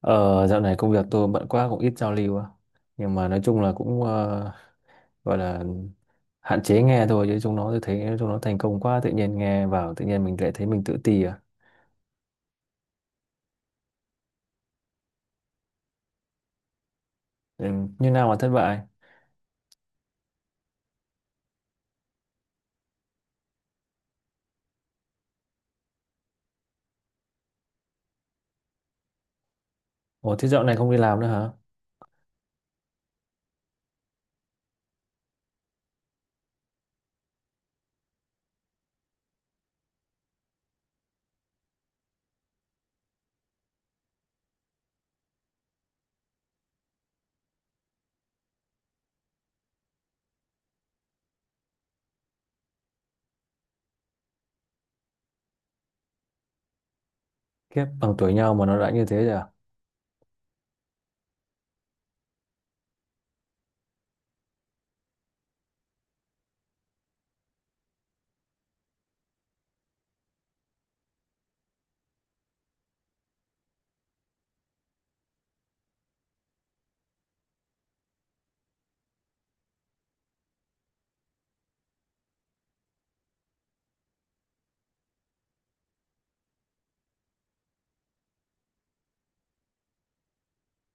Ờ, dạo này công việc tôi bận quá cũng ít giao lưu á. Nhưng mà nói chung là cũng gọi là hạn chế nghe thôi chứ chúng nó tôi thấy chúng nó thành công quá tự nhiên nghe vào tự nhiên mình lại thấy mình tự ti à. Ừ, như nào mà thất bại? Ồ, thế dạo này không đi làm nữa hả? Kiếp bằng tuổi nhau mà nó đã như thế rồi à?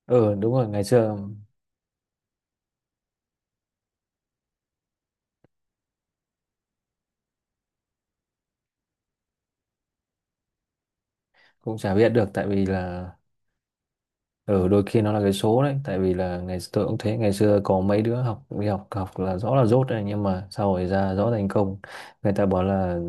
Ừ, đúng rồi, ngày xưa cũng chả biết được tại vì là... Ừ, đôi khi nó là cái số đấy, tại vì là ngày tôi cũng thế, ngày xưa có mấy đứa học đi học học là rõ là dốt đấy nhưng mà sau rồi ra rõ thành công. Người ta bảo là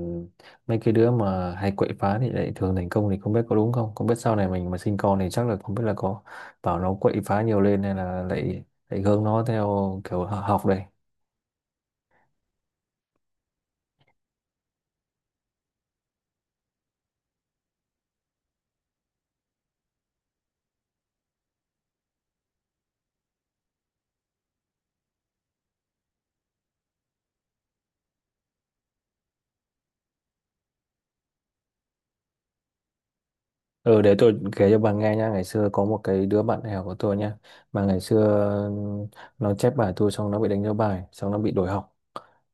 mấy cái đứa mà hay quậy phá thì lại thường thành công, thì không biết có đúng không, không biết sau này mình mà sinh con thì chắc là không biết là có bảo nó quậy phá nhiều lên hay là lại lại hướng nó theo kiểu học đây. Ừ, để tôi kể cho bà nghe nha. Ngày xưa có một cái đứa bạn đại học của tôi nha, mà ngày xưa ừ, nó chép bài tôi xong nó bị đánh dấu bài xong nó bị đuổi học.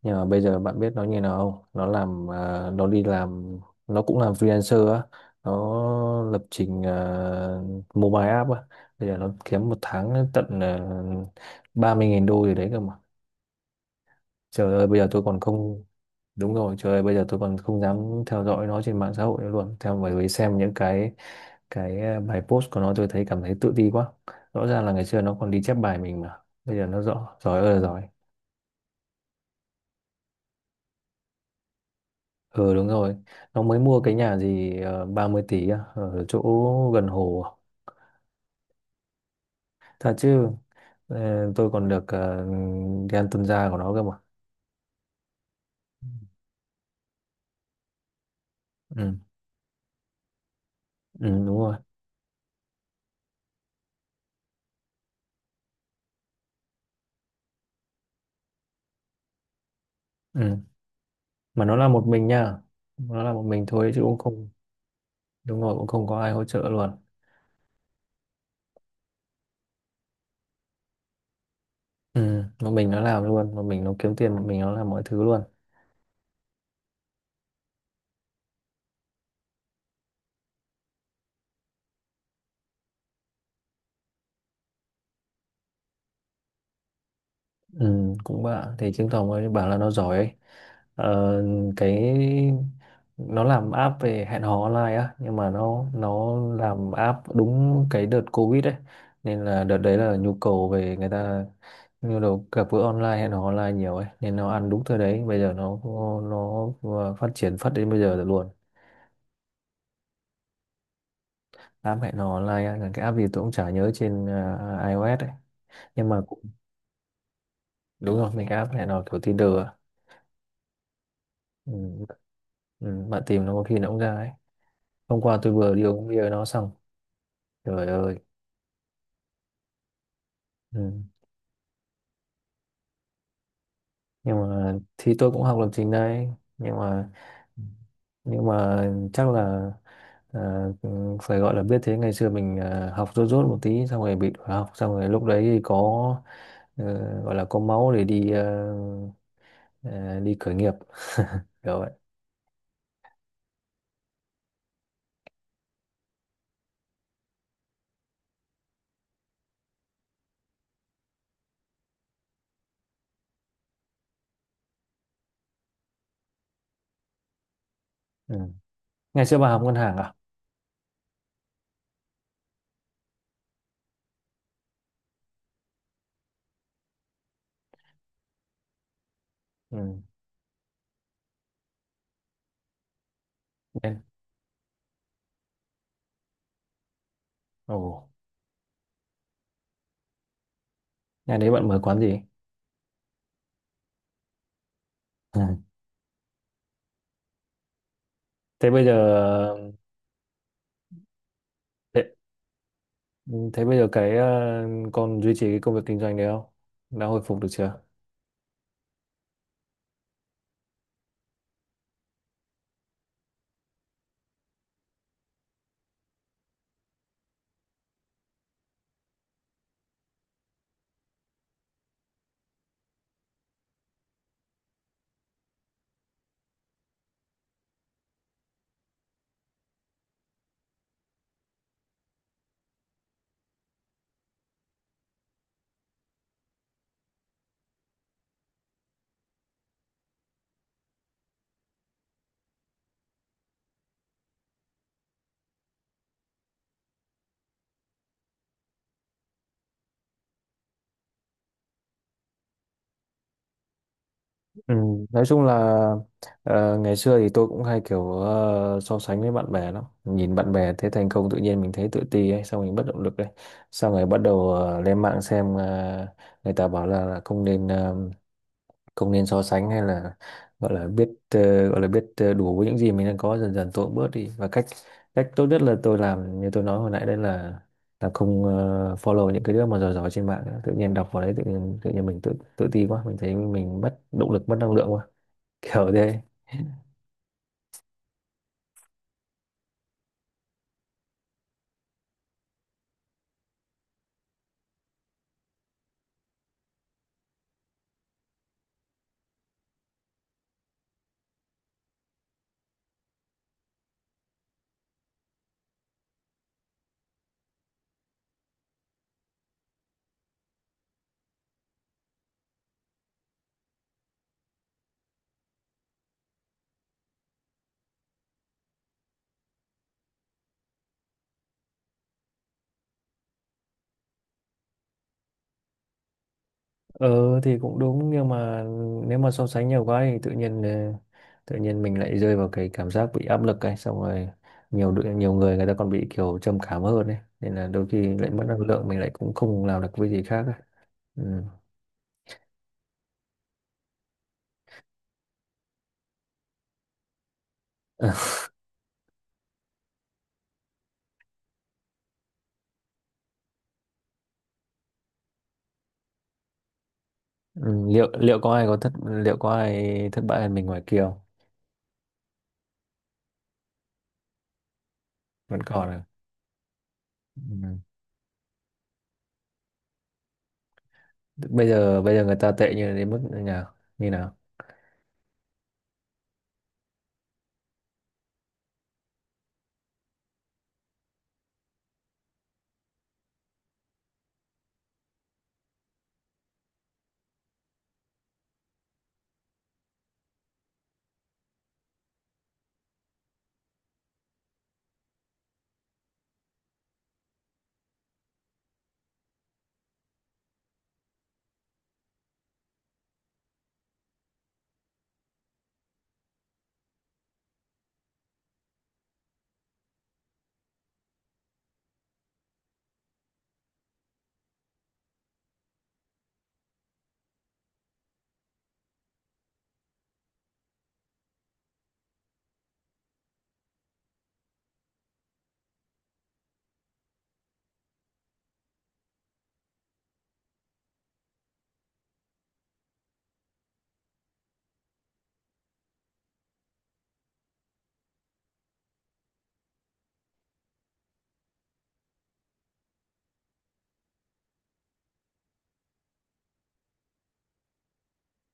Nhưng mà bây giờ bạn biết nó như nào không, nó đi làm, nó cũng làm freelancer á, nó lập trình mobile app á. Bây giờ nó kiếm một tháng tận 30.000 đô gì đấy cơ mà, trời ơi bây giờ tôi còn không... Đúng rồi, trời ơi bây giờ tôi còn không dám theo dõi nó trên mạng xã hội nữa luôn, theo bởi vì xem những cái bài post của nó tôi thấy cảm thấy tự ti quá. Rõ ràng là ngày xưa nó còn đi chép bài mình mà bây giờ nó rõ giỏi ơi là giỏi. Ừ, đúng rồi. Nó mới mua cái nhà gì 30 tỷ á, ở chỗ gần hồ à? Thật chứ, tôi còn được gan tuân gia của nó cơ mà. Ừ. Ừ, đúng rồi. Ừ. Mà nó là một mình nha. Nó là một mình thôi chứ cũng không... Đúng rồi, cũng không có ai hỗ trợ luôn. Ừ. Một mình nó làm luôn. Một mình nó kiếm tiền. Một mình nó làm mọi thứ luôn. Ừ, cũng bạn thì chứng tỏ mới bảo là nó giỏi ấy. Ờ, cái nó làm app về hẹn hò online á, nhưng mà nó làm app đúng cái đợt Covid ấy. Nên là đợt đấy là nhu cầu về người ta, nhu cầu gặp gỡ online hẹn hò online nhiều ấy nên nó ăn đúng thời đấy. Bây giờ nó nó phát triển phát đến bây giờ rồi luôn. App hẹn hò online á, là cái app gì tôi cũng chả nhớ, trên iOS ấy, nhưng mà cũng... Đúng rồi, mình cái app hẹn hò kiểu Tinder á. Ừ. Ừ, bạn tìm nó có khi nó cũng ra ấy. Hôm qua tôi vừa đi uống bia với nó xong. Trời ơi. Ừ. Nhưng mà thì tôi cũng học lập trình đây, nhưng mà nhưng mà chắc là à, ừ, phải gọi là biết thế ngày xưa mình học rốt rốt một tí xong rồi bị đuổi học xong rồi lúc đấy thì có ờ, gọi là có máu để đi khởi nghiệp kiểu vậy. Ừ. Ngày xưa bà học ngân hàng à. Ừ. Nên- Ồ. Ngày đấy bạn mở quán gì? Ừ. Thế bây giờ... Thế, thế bây giờ cái còn duy trì cái công việc kinh doanh đấy không? Đã hồi phục được chưa? Ừ, nói chung là ngày xưa thì tôi cũng hay kiểu so sánh với bạn bè lắm, nhìn bạn bè thấy thành công tự nhiên mình thấy tự ti ấy xong mình bất động lực ấy, xong rồi bắt đầu lên mạng xem người ta bảo là, không nên không nên so sánh hay là gọi là biết đủ với những gì mình đang có. Dần dần tôi cũng bớt đi, và cách cách tốt nhất là tôi làm như tôi nói hồi nãy đấy, là không follow những cái đứa mà giỏi giỏi trên mạng nữa. Tự nhiên đọc vào đấy tự nhiên mình tự tự ti quá, mình thấy mình mất động lực mất năng lượng quá, kiểu thế. Ờ thì cũng đúng, nhưng mà nếu mà so sánh nhiều quá thì tự nhiên mình lại rơi vào cái cảm giác bị áp lực ấy, xong rồi nhiều người người ta còn bị kiểu trầm cảm hơn ấy, nên là đôi khi lại mất năng lượng mình lại cũng không làm được cái gì khác ấy. Ừ. Ừ, liệu liệu có ai thất bại hơn mình ngoài kia không? Vẫn còn à? Ừ. Bây giờ người ta tệ như đến mức như nào? Như nào?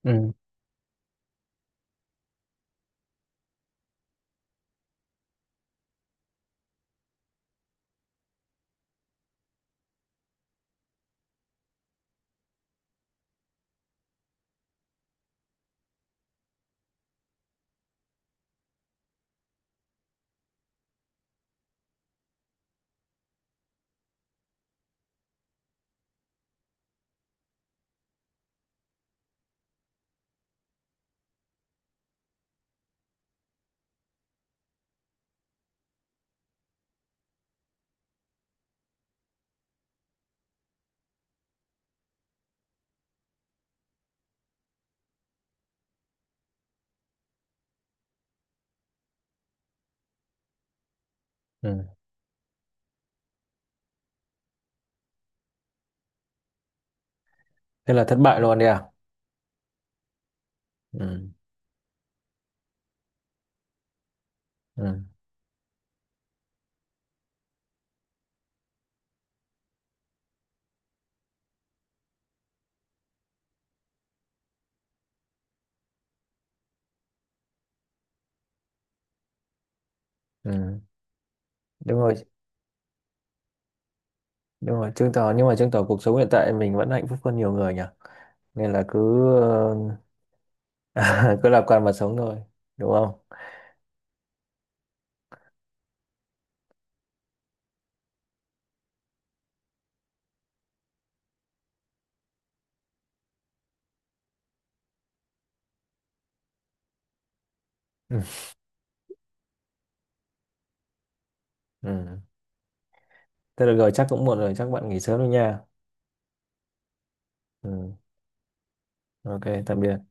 Ừ. Ừ. Thế là thất bại luôn đi à? Ừ. Ừ. Ừ. Đúng rồi. Đúng rồi, chứng tỏ nhưng mà chứng tỏ cuộc sống hiện tại mình vẫn hạnh phúc hơn nhiều người nhỉ, nên là cứ ờ, cứ lạc quan mà sống thôi, đúng không? Ừ. Ừ. Thế được rồi, chắc cũng muộn rồi, chắc bạn nghỉ sớm đi nha. Ừ. Ok. Tạm biệt.